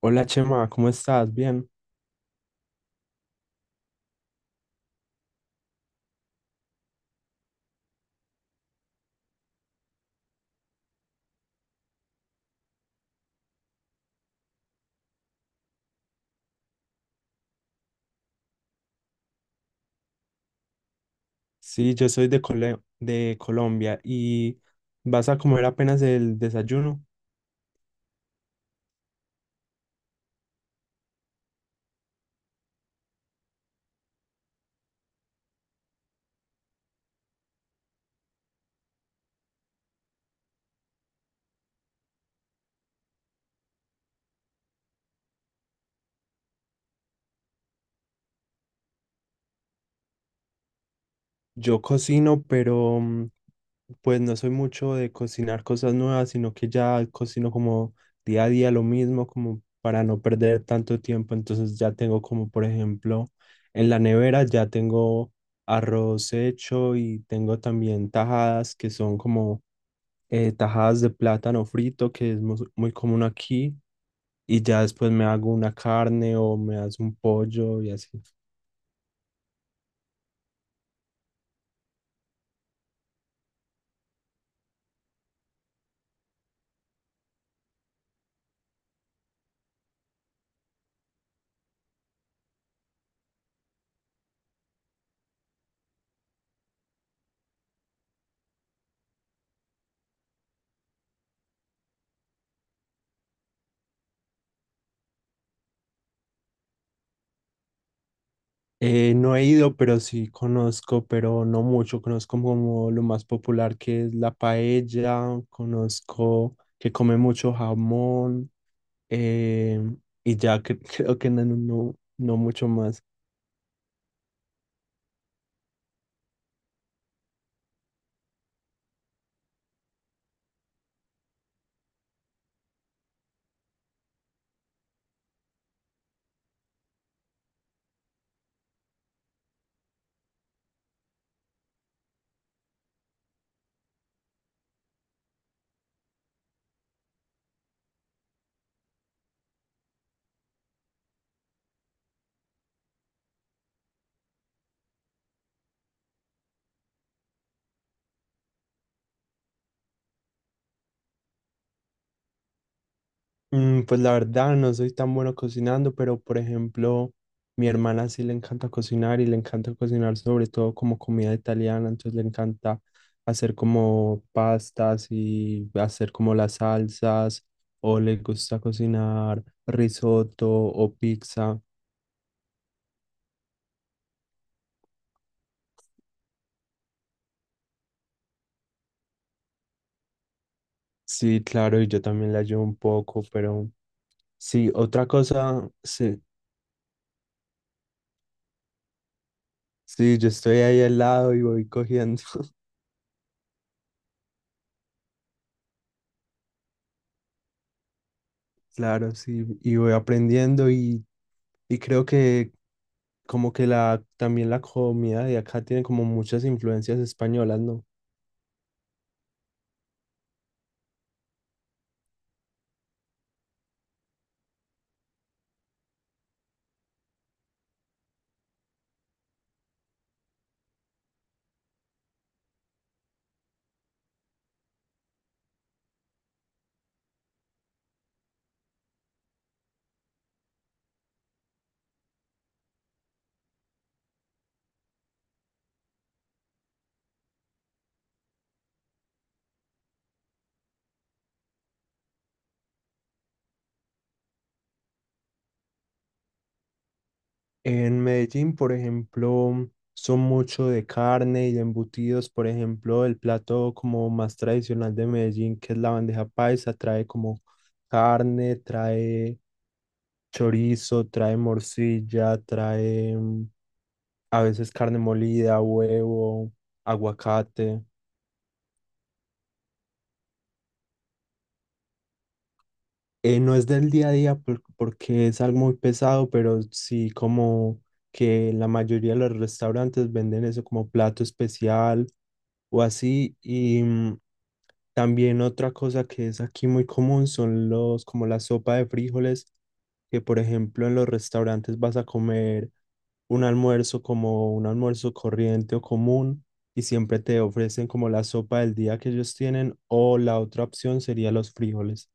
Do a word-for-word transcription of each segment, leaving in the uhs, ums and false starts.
Hola Chema, ¿cómo estás? Bien. Sí, yo soy de, Cole- de Colombia y vas a comer apenas el desayuno. Yo cocino, pero mm, pues no soy mucho de cocinar cosas nuevas, sino que ya cocino como día a día lo mismo, como para no perder tanto tiempo. Entonces ya tengo como, por ejemplo, en la nevera ya tengo arroz hecho y tengo también tajadas que son como eh, tajadas de plátano frito, que es mu- muy común aquí. Y ya después me hago una carne o me hago un pollo y así. Eh, no he ido, pero sí conozco, pero no mucho. Conozco como lo más popular que es la paella, conozco que come mucho jamón eh, y ya que, creo que no, no, no mucho más. Mm, Pues la verdad no soy tan bueno cocinando, pero por ejemplo, mi hermana sí le encanta cocinar y le encanta cocinar sobre todo como comida italiana, entonces le encanta hacer como pastas y hacer como las salsas, o le gusta cocinar risotto o pizza. Sí, claro, y yo también le ayudo un poco, pero sí, otra cosa, sí, sí, yo estoy ahí al lado y voy cogiendo. Claro, sí, y voy aprendiendo y... Y creo que como que la, también la comida de acá tiene como muchas influencias españolas, ¿no? En Medellín, por ejemplo, son mucho de carne y de embutidos. Por ejemplo, el plato como más tradicional de Medellín, que es la bandeja paisa, trae como carne, trae chorizo, trae morcilla, trae mm, a veces carne molida, huevo, aguacate. Eh, no es del día a día por- porque es algo muy pesado, pero sí como que la mayoría de los restaurantes venden eso como plato especial o así. Y mm, también otra cosa que es aquí muy común son los como la sopa de frijoles, que por ejemplo en los restaurantes vas a comer un almuerzo como un almuerzo corriente o común y siempre te ofrecen como la sopa del día que ellos tienen o la otra opción sería los frijoles.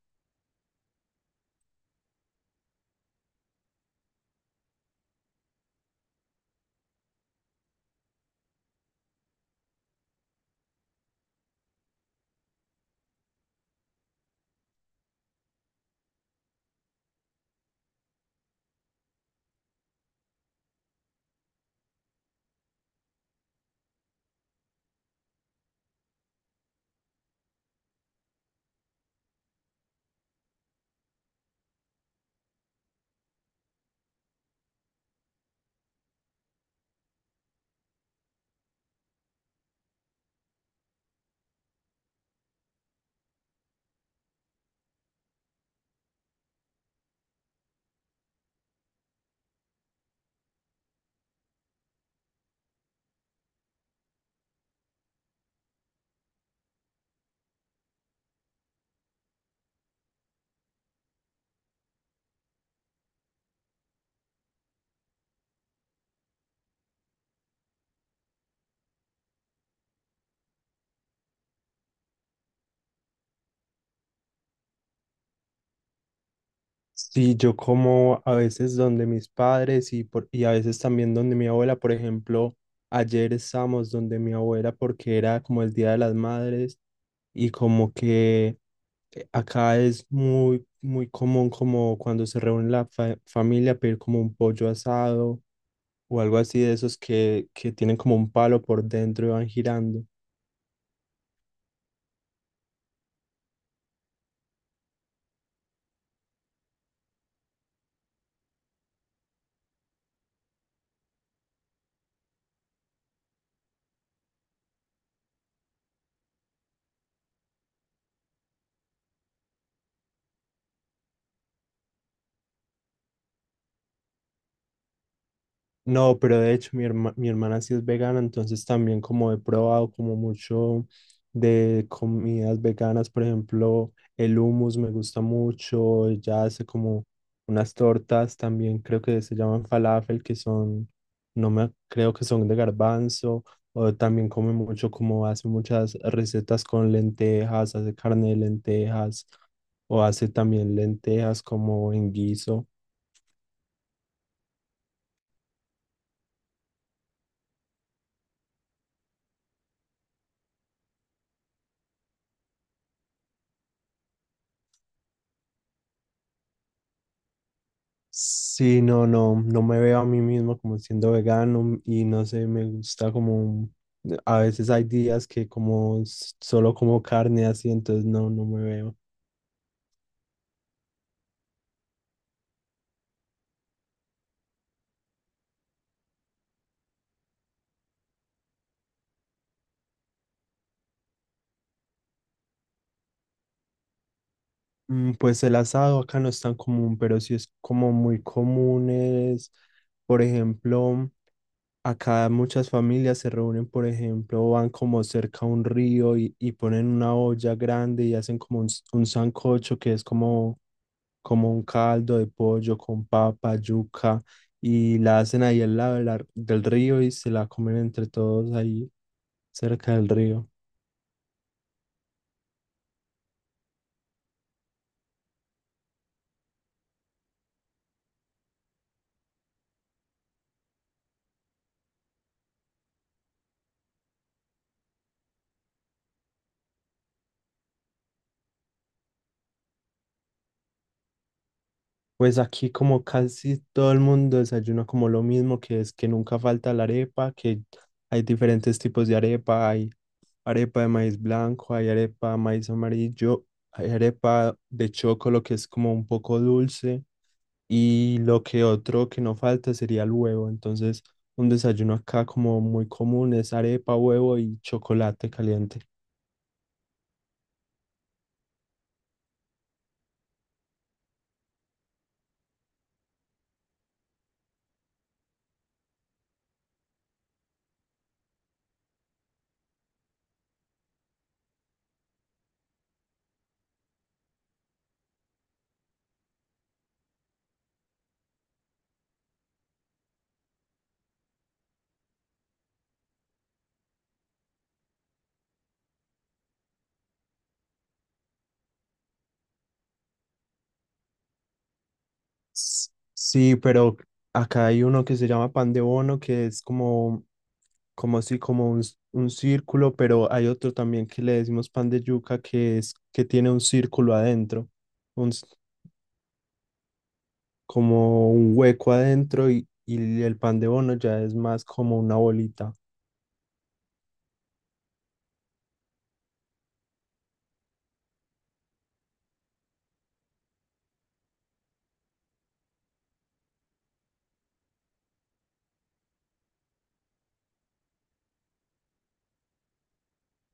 Sí, yo como a veces donde mis padres y, por, y a veces también donde mi abuela. Por ejemplo, ayer estábamos donde mi abuela porque era como el Día de las Madres y como que eh, acá es muy, muy común como cuando se reúne la fa- familia pedir como un pollo asado o algo así de esos que, que tienen como un palo por dentro y van girando. No, pero de hecho mi herma- mi hermana sí es vegana, entonces también como he probado como mucho de comidas veganas. Por ejemplo, el hummus me gusta mucho, ella hace como unas tortas también, creo que se llaman falafel, que son, no me creo que son de garbanzo, o también come mucho, como hace muchas recetas con lentejas, hace carne de lentejas, o hace también lentejas como en guiso. Sí, no, no, no me veo a mí mismo como siendo vegano y no sé, me gusta como, a veces hay días que como s- solo como carne así, entonces no, no me veo. Mm, Pues el asado acá no es tan común, pero sí es como muy común es, por ejemplo, acá muchas familias se reúnen. Por ejemplo, van como cerca a un río y, y ponen una olla grande y hacen como un, s- un sancocho que es como como un caldo de pollo con papa, yuca, y la hacen ahí al lado de la- del río y se la comen entre todos ahí cerca del río. Pues aquí como casi todo el mundo desayuna como lo mismo, que es que nunca falta la arepa. Que hay diferentes tipos de arepa, hay arepa de maíz blanco, hay arepa de maíz amarillo, hay arepa de chocolate que es como un poco dulce. Y lo que otro que no falta sería el huevo. Entonces, un desayuno acá como muy común es arepa, huevo y chocolate caliente. S- Sí, pero acá hay uno que se llama pan de bono, que es como, como así, como un, s- un círculo, pero hay otro también que le decimos pan de yuca, que es que tiene un círculo adentro. Como un hueco adentro y, y el pan de bono ya es más como una bolita.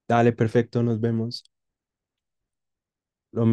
Dale, perfecto, nos vemos. Lo